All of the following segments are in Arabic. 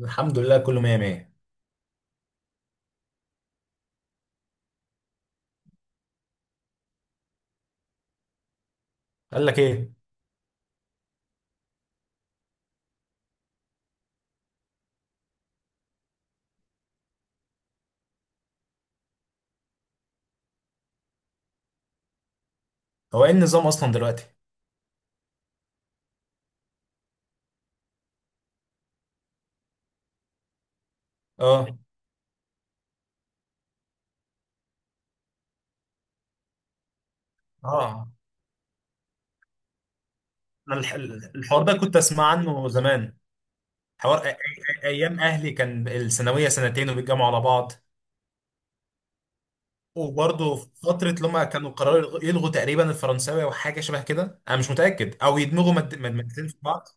الحمد لله، كله مية مية. قال لك ايه؟ هو ايه النظام اصلا دلوقتي؟ اه، اه. انا الحوار ده كنت اسمع عنه زمان. حوار ايام اهلي كان الثانويه سنتين وبيتجمعوا على بعض. وبرضه في فتره لما كانوا قرروا يلغوا تقريبا الفرنساوي او حاجه شبه كده، انا مش متاكد، او يدمجوا مادتين في بعض.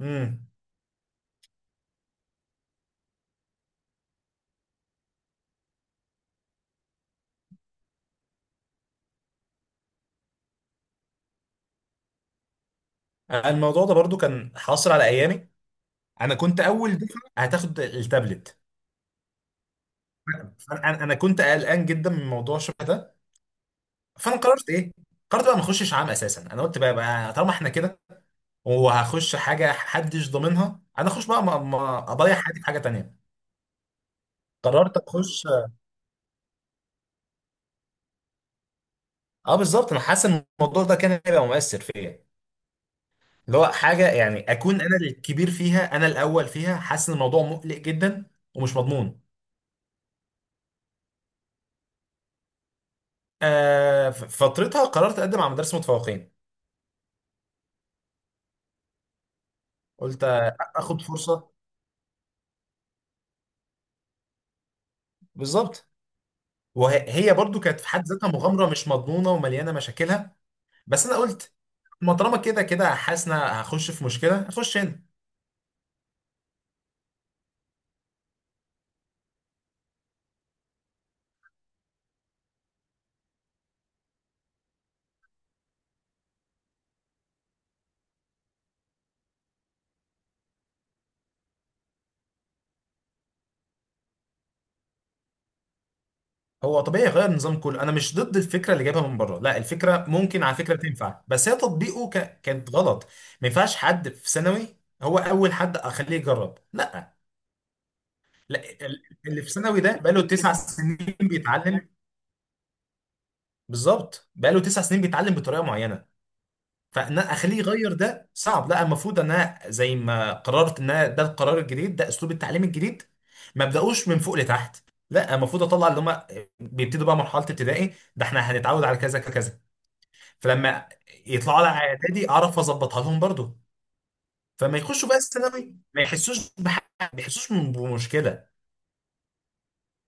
امم. الموضوع ده برضه كان حاصل على ايامي. انا كنت اول دفعه هتاخد التابلت. فانا انا أنا كنت قلقان جدا من موضوع شبه ده. فانا قررت ايه؟ قررت بقى ما اخشش عام اساسا. انا قلت بقى طالما احنا كده، وهخش حاجه محدش ضامنها، انا اخش بقى ما اضيع حياتي في حاجه تانية. قررت اخش. اه، بالظبط، انا حاسس ان الموضوع ده كان هيبقى مؤثر فيا. اللي هو حاجه يعني اكون انا الكبير فيها، انا الاول فيها، حاسس ان الموضوع مقلق جدا ومش مضمون. فترتها قررت اقدم على مدارس متفوقين. قلت اخد فرصه. بالظبط. وهي برضو كانت في حد ذاتها مغامره مش مضمونه ومليانه مشاكلها. بس انا قلت، ما طالما كده كده حاسس إن أنا هخش في مشكله، هخش هنا. هو طبيعي يغير النظام كله، انا مش ضد الفكره اللي جايبها من بره. لا، الفكره ممكن على فكره تنفع، بس هي تطبيقه كانت غلط. ما ينفعش حد في ثانوي هو اول حد اخليه يجرب، لا، لا، اللي في ثانوي ده بقاله 9 سنين بيتعلم. بالظبط، بقاله 9 سنين بيتعلم بطريقه معينه. فان أنا اخليه يغير ده صعب. لا، المفروض ان انا زي ما قررت ان أنا ده القرار الجديد، ده اسلوب التعليم الجديد، ما ابداوش من فوق لتحت. لا، المفروض اطلع اللي هم بيبتدوا بقى مرحله ابتدائي، ده احنا هنتعود على كذا كذا. فلما يطلعوا على اعدادي اعرف اظبطها لهم برضو. فما يخشوا بقى الثانوي ما يحسوش بحاجه ما يحسوش بمشكله.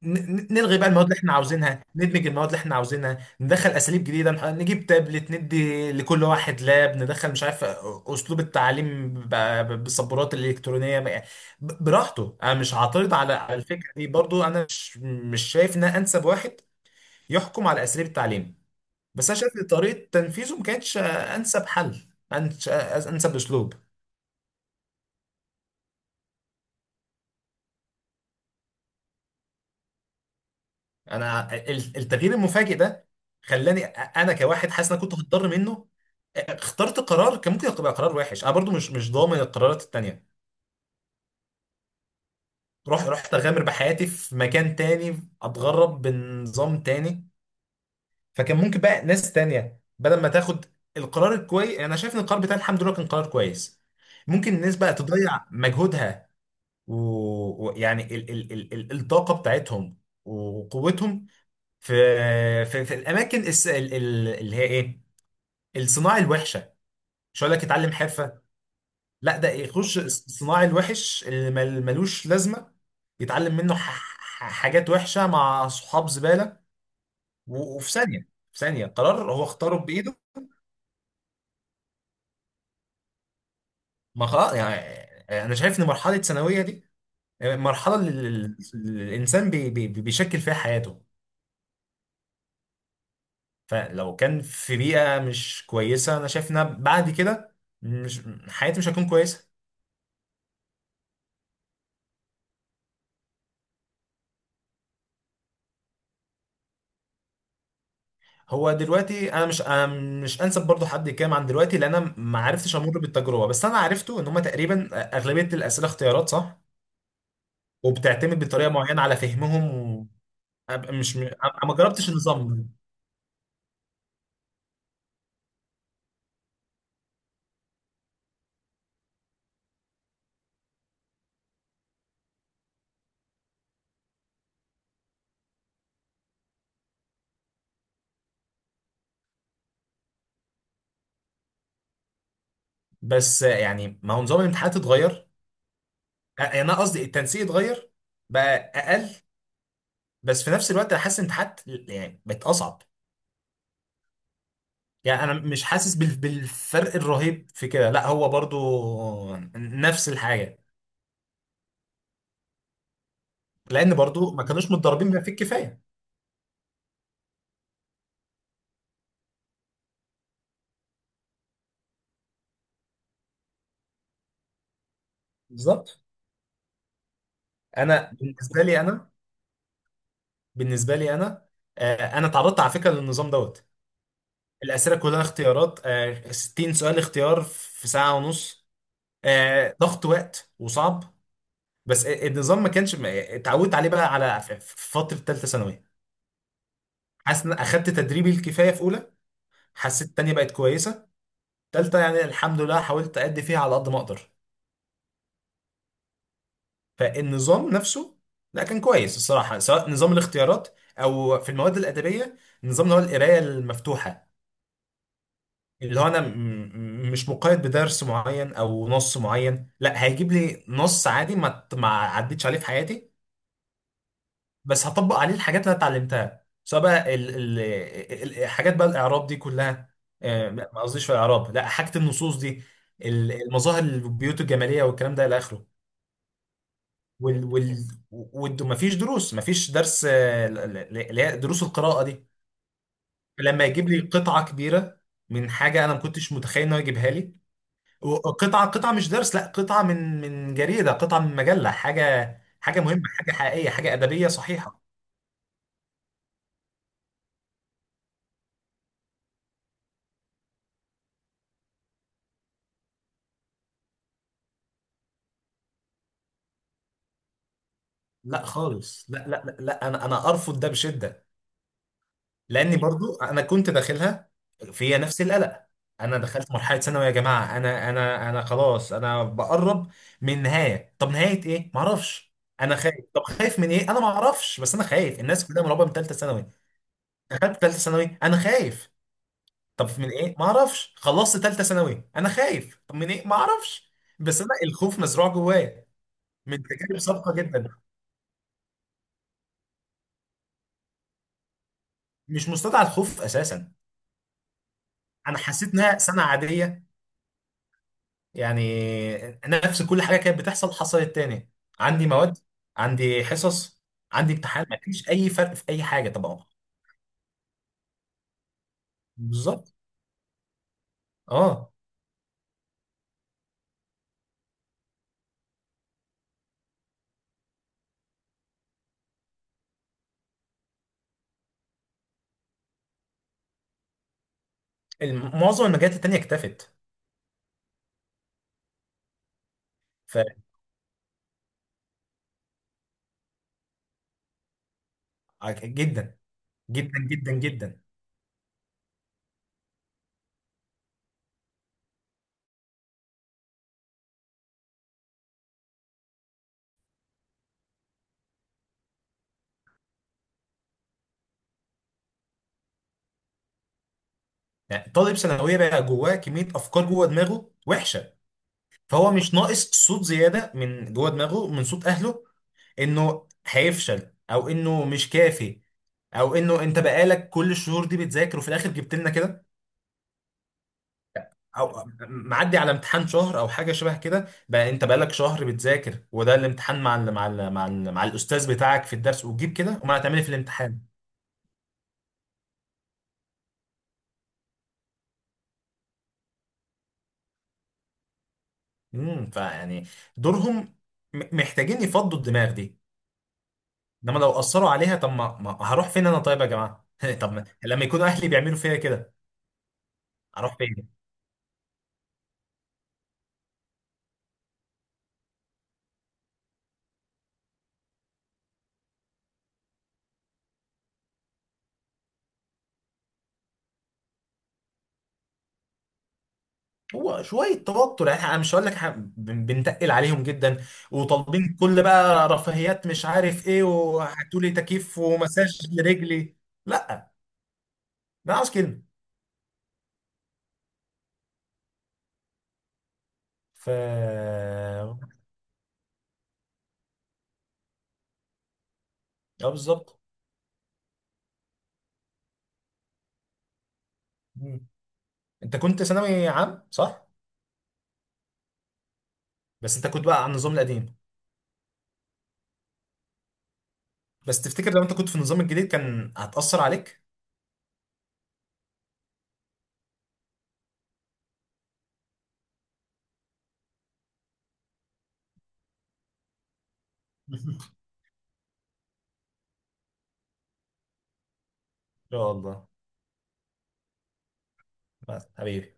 نلغي بقى المواد اللي احنا عاوزينها، ندمج المواد اللي احنا عاوزينها، ندخل اساليب جديده، نجيب تابلت، ندي لكل واحد لاب، ندخل مش عارف اسلوب التعليم بالسبورات الالكترونيه براحته، انا مش هعترض على الفكره دي. برضو انا مش شايف ان أنا انسب واحد يحكم على اساليب التعليم، بس انا شايف ان طريقه تنفيذه ما كانتش انسب حل. أنش- انسب اسلوب. انا التغيير المفاجئ ده خلاني، انا كواحد حاسس ان انا كنت هتضر منه، اخترت قرار كان ممكن يبقى قرار وحش. انا برضو مش ضامن القرارات التانية. رحت اغامر بحياتي في مكان تاني، اتغرب بنظام تاني. فكان ممكن بقى ناس تانية بدل ما تاخد القرار الكويس. يعني انا شايف ان القرار بتاع الحمد لله كان قرار كويس. ممكن الناس بقى تضيع مجهودها ويعني الطاقة بتاعتهم وقوتهم في في, في, الاماكن اللي هي ايه، الصناعي الوحشه. مش هقول لك اتعلم حرفه، لا ده يخش الصناعي الوحش اللي ملوش لازمه، يتعلم منه حاجات وحشه مع صحاب زباله، وفي ثانيه، في ثانيه قرار هو اختاره بايده. ما خلاص يعني. يعني انا شايف ان مرحله ثانويه دي مرحله اللي اللي الانسان بي بي بيشكل فيها حياته. فلو كان في بيئه مش كويسه، انا شايف انها بعد كده، مش، حياتي مش هتكون كويسه. هو دلوقتي انا مش أنا مش انسب برضو حد يتكلم عن دلوقتي، لان انا ما عرفتش امر بالتجربه، بس انا عرفته ان هم تقريبا اغلبيه الاسئله اختيارات صح وبتعتمد بطريقه معينه على فهمهم. و... أب- مش م... أنا ما جربتش النظام ده. بس يعني ما هو نظام الامتحانات اتغير، يعني انا قصدي التنسيق اتغير، بقى اقل. بس في نفس الوقت انا حاسس الامتحانات يعني بقت اصعب. يعني انا مش حاسس بالفرق الرهيب في كده، لا هو برضو نفس الحاجه. لان برضو ما كانوش متدربين بما فيه الكفايه. بالظبط. انا بالنسبه لي انا اتعرضت على فكره للنظام دوت. الاسئله كلها اختيارات، 60 سؤال اختيار في ساعه ونص. ضغط وقت وصعب. بس النظام ما كانش اتعودت عليه بقى على في فتره ثالثه ثانوي. حاسس ان اخدت تدريبي الكفايه في اولى، حسيت تانية بقت كويسه، ثالثه يعني الحمد لله حاولت ادي فيها على قد ما اقدر. فالنظام نفسه لا كان كويس الصراحه، سواء نظام الاختيارات او في المواد الادبيه، النظام اللي هو القرايه المفتوحه، اللي هو انا مش مقيد بدرس معين او نص معين. لا، هيجيب لي نص عادي ما عدتش عليه في حياتي، بس هطبق عليه الحاجات اللي انا اتعلمتها، سواء بقى الحاجات بقى الاعراب دي كلها. ما قصديش في الاعراب، لا حاجة النصوص دي، المظاهر البيوت الجمالية والكلام ده الى اخره. وال وال وال مفيش دروس مفيش درس، اللي هي دروس القراءة دي، لما يجيب لي قطعة كبيرة من حاجة انا ما كنتش متخيل انه يجيبها لي. قطعة قطعة مش درس، لا قطعة من جريدة، قطعة من مجلة، حاجة حاجة مهمة، حاجة حقيقية، حاجة أدبية صحيحة. لا خالص، لا، لا، لا، لا، أنا أرفض ده بشدة. لأني برضو أنا كنت داخلها، فيها نفس القلق. أنا دخلت مرحلة ثانوي يا جماعة، أنا خلاص أنا بقرب من نهاية، طب نهاية إيه؟ معرفش. أنا خايف، طب خايف من إيه؟ أنا معرفش، بس أنا خايف. الناس كلها مرعوبة من ثالثة ثانوي، دخلت ثالثة ثانوي أنا خايف، طب من ايه ما اعرفش. خلصت ثالثه ثانوي انا خايف، طب من ايه ما اعرفش، بس انا الخوف مزروع جوايا من تجارب سابقه جدا. مش مستدعى الخوف اساسا. انا حسيت انها سنه عاديه، يعني نفس كل حاجه كانت بتحصل حصلت تاني. عندي مواد، عندي حصص، عندي امتحان، ما فيش اي فرق في اي حاجه طبعا. بالظبط. اه، معظم المجالات التانيه اكتفت. ف جدا، جدا جدا جدا، يعني طالب ثانويه بقى جواه كميه افكار جوه دماغه وحشه، فهو مش ناقص صوت زياده من جوه دماغه من صوت اهله انه هيفشل او انه مش كافي، او انه انت بقالك كل الشهور دي بتذاكر وفي الاخر جبت لنا كده، او معدي على امتحان شهر او حاجه شبه كده بقى انت بقالك شهر بتذاكر وده الامتحان مع الاستاذ بتاعك في الدرس وتجيب كده، امال هتعمل ايه في الامتحان؟ فيعني دورهم، محتاجين يفضوا الدماغ دي. انما لو اثروا عليها، طب ما هروح فين انا طيب يا جماعه طب لما يكونوا اهلي بيعملوا فيا كده اروح فين؟ هو شوية توتر، يعني انا مش هقول لك بنتقل عليهم جدا وطالبين كل بقى رفاهيات مش عارف ايه وهاتوا لي تكييف ومساج لرجلي. لا، ما عاوز كده. اه، بالظبط. مم. انت كنت ثانوي عام صح؟ بس انت كنت بقى على النظام القديم. بس تفتكر لو انت كنت في النظام الجديد كان هتأثر عليك؟ ان شاء الله. بس حبيبي.